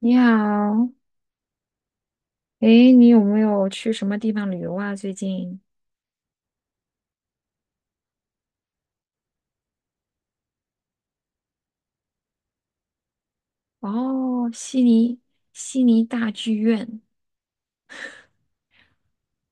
你好，诶，你有没有去什么地方旅游啊？最近？哦，悉尼，悉尼大剧院，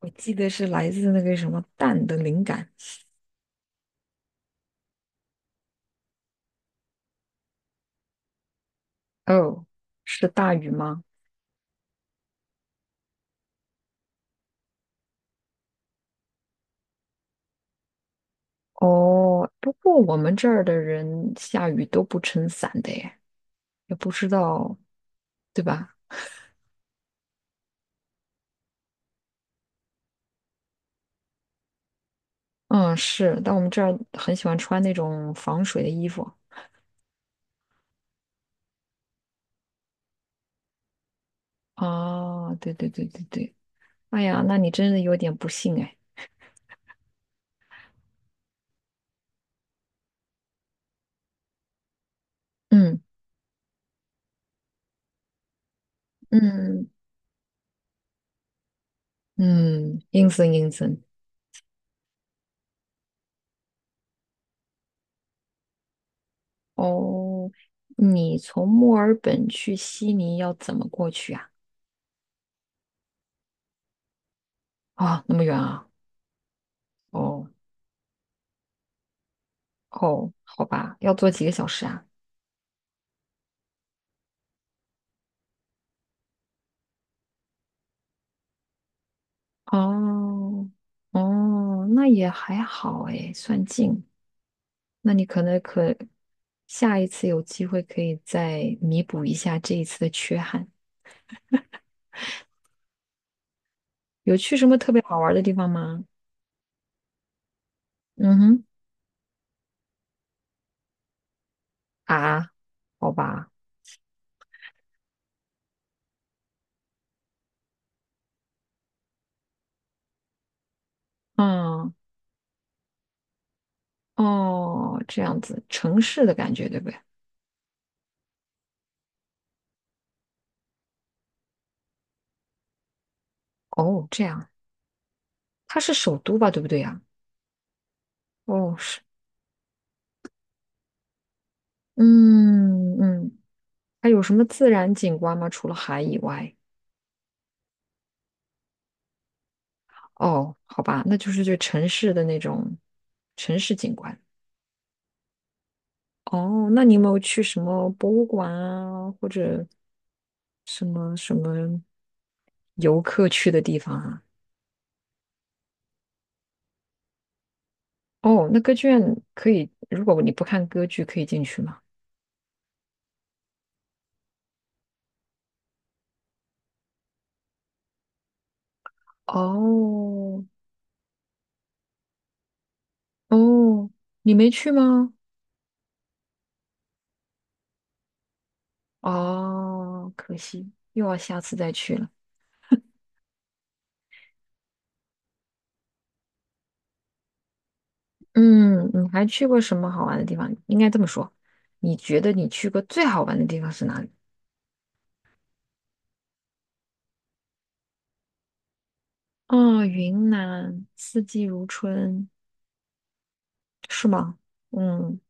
我记得是来自那个什么蛋的灵感。哦，是大雨吗？哦，不过我们这儿的人下雨都不撑伞的耶，也不知道，对吧？嗯，是，但我们这儿很喜欢穿那种防水的衣服。哦，对对对对对，哎呀，那你真的有点不幸哎。嗯嗯，嗯，阴森阴森。哦，你从墨尔本去悉尼要怎么过去啊？啊，那么远啊？哦哦，好吧，要坐几个小时啊？哦哦，那也还好诶，算近。那你可能可下一次有机会可以再弥补一下这一次的缺憾。有去什么特别好玩的地方吗？嗯哼，啊，好吧，嗯哦，这样子，城市的感觉对不对？哦，这样，它是首都吧，对不对呀？哦，是，嗯嗯，它有什么自然景观吗？除了海以外？哦，好吧，那就是这城市的那种城市景观。哦，那你有没有去什么博物馆啊，或者什么游客去的地方啊？哦，那歌剧院可以，如果你不看歌剧，可以进去吗？哦哦，你没去吗？哦，可惜，又要下次再去了。嗯，你还去过什么好玩的地方？应该这么说，你觉得你去过最好玩的地方是哪里？哦，云南，四季如春，是吗？嗯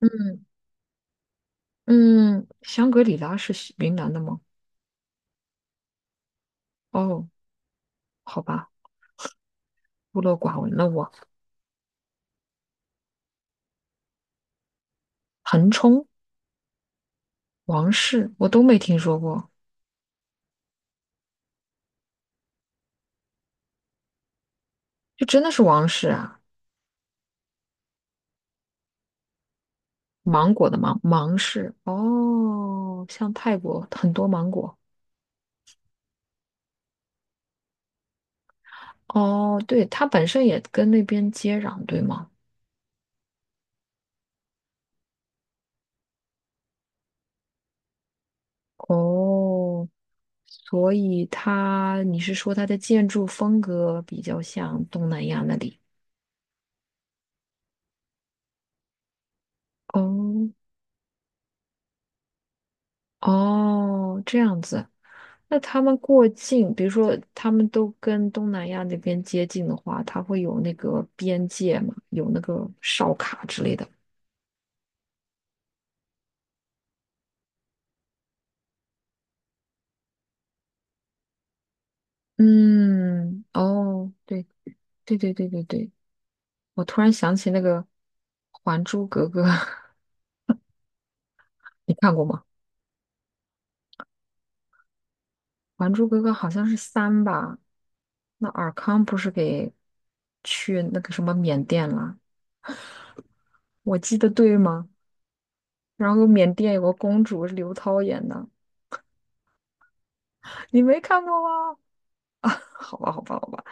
嗯，嗯，香格里拉是西云南的吗？哦，好吧，孤陋寡闻了我。腾冲、王氏，我都没听说过，就真的是王氏啊？芒果的芒，芒市。哦，像泰国很多芒果。哦，对，它本身也跟那边接壤，对吗？哦，所以它，你是说它的建筑风格比较像东南亚那里？哦，哦，这样子。那他们过境，比如说他们都跟东南亚那边接近的话，它会有那个边界嘛，有那个哨卡之类的。嗯，哦，对，对对对对对，我突然想起那个《还珠格格》，你看过吗？《还珠格格》好像是三吧？那尔康不是给去那个什么缅甸了？我记得对吗？然后缅甸有个公主是刘涛演的，你没看过吗？啊，好吧，好吧，好吧。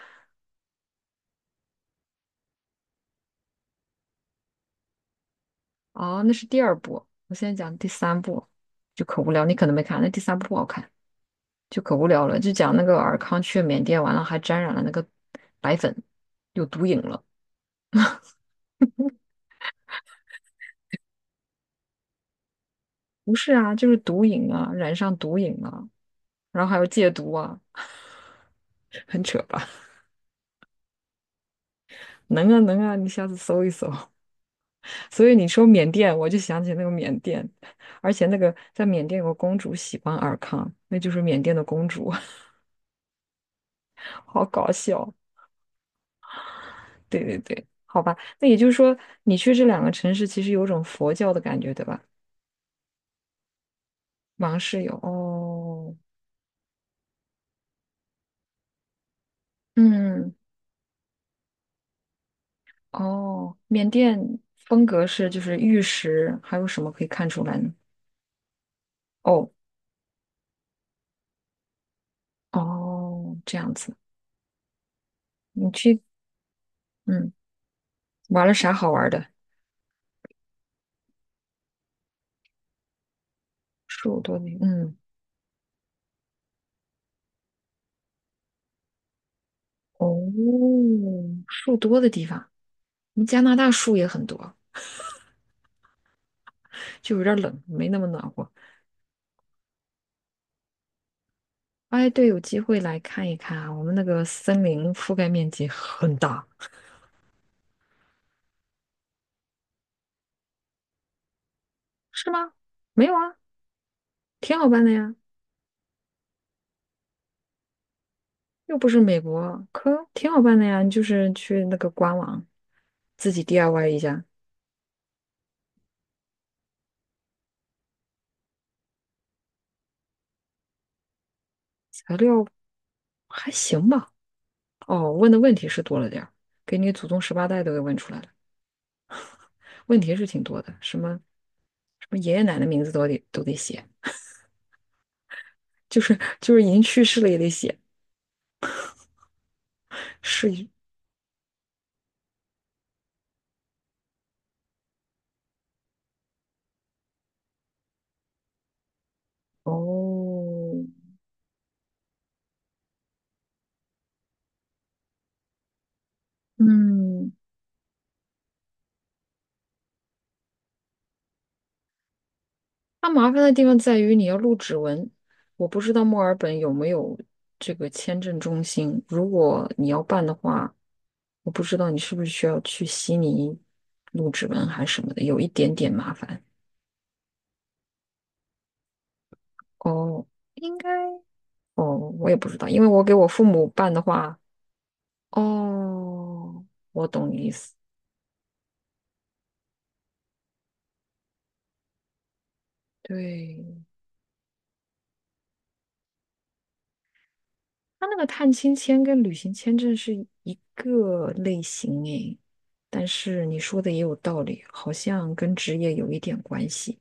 啊，那是第二部，我现在讲第三部，就可无聊。你可能没看，那第三部不好看，就可无聊了。就讲那个尔康去缅甸完了，还沾染了那个白粉，有毒瘾了。不是啊，就是毒瘾啊，染上毒瘾了，然后还有戒毒啊，很扯吧。能啊能啊，你下次搜一搜。所以你说缅甸，我就想起那个缅甸，而且那个在缅甸有个公主喜欢尔康，那就是缅甸的公主，好搞笑。对对对，好吧，那也就是说，你去这两个城市，其实有种佛教的感觉，对吧？芒市有哦，嗯哦，缅甸风格是就是玉石，还有什么可以看出来呢？哦哦，这样子，你去嗯玩了啥好玩的？树多的，嗯。哦，树多的地方，我们加拿大树也很多，就有点儿冷，没那么暖和。哎，对，有机会来看一看啊，我们那个森林覆盖面积很大，是吗？没有啊，挺好办的呀，又不是美国，可挺好办的呀，你就是去那个官网自己 DIY 一下，材料还行吧。哦，问的问题是多了点儿，给你祖宗十八代都给问出来了，问题是挺多的，什么什么爷爷奶奶名字都得写。就是已经去世了也得写，是一，哦，嗯，它麻烦的地方在于你要录指纹，我不知道墨尔本有没有这个签证中心，如果你要办的话，我不知道你是不是需要去悉尼录指纹还是什么的，有一点点麻烦。哦，应该哦，我也不知道，因为我给我父母办的话，哦，我懂你意思，对。他那个探亲签跟旅行签证是一个类型诶，但是你说的也有道理，好像跟职业有一点关系。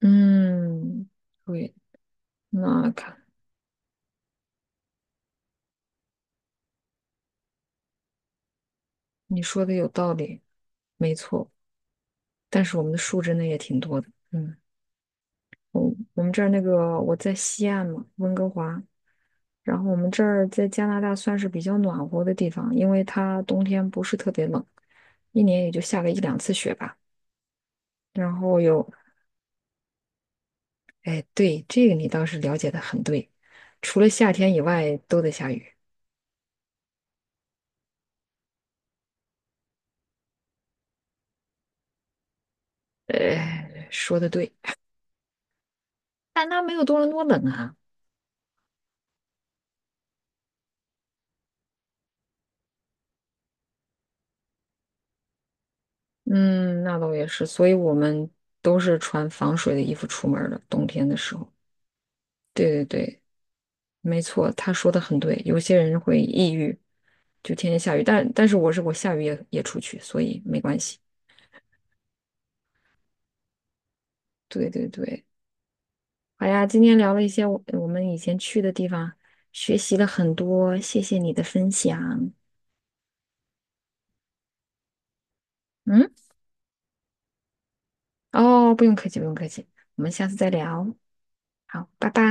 嗯，对，那看你说的有道理，没错。但是我们的树真的也挺多的。嗯，我我们这儿那个我在西岸嘛，温哥华，然后我们这儿在加拿大算是比较暖和的地方，因为它冬天不是特别冷，一年也就下个一两次雪吧。然后有哎，对，这个你倒是了解的很对，除了夏天以外都得下雨。哎，说的对，但它没有多伦多冷啊。嗯，那倒也是，所以我们都是穿防水的衣服出门儿的，冬天的时候。对对对，没错，他说的很对。有些人会抑郁，就天天下雨，但是我下雨也出去，所以没关系。对对对，好呀，今天聊了一些我们以前去的地方，学习了很多，谢谢你的分享。嗯。哦，不用客气，不用客气，我们下次再聊。好，拜拜。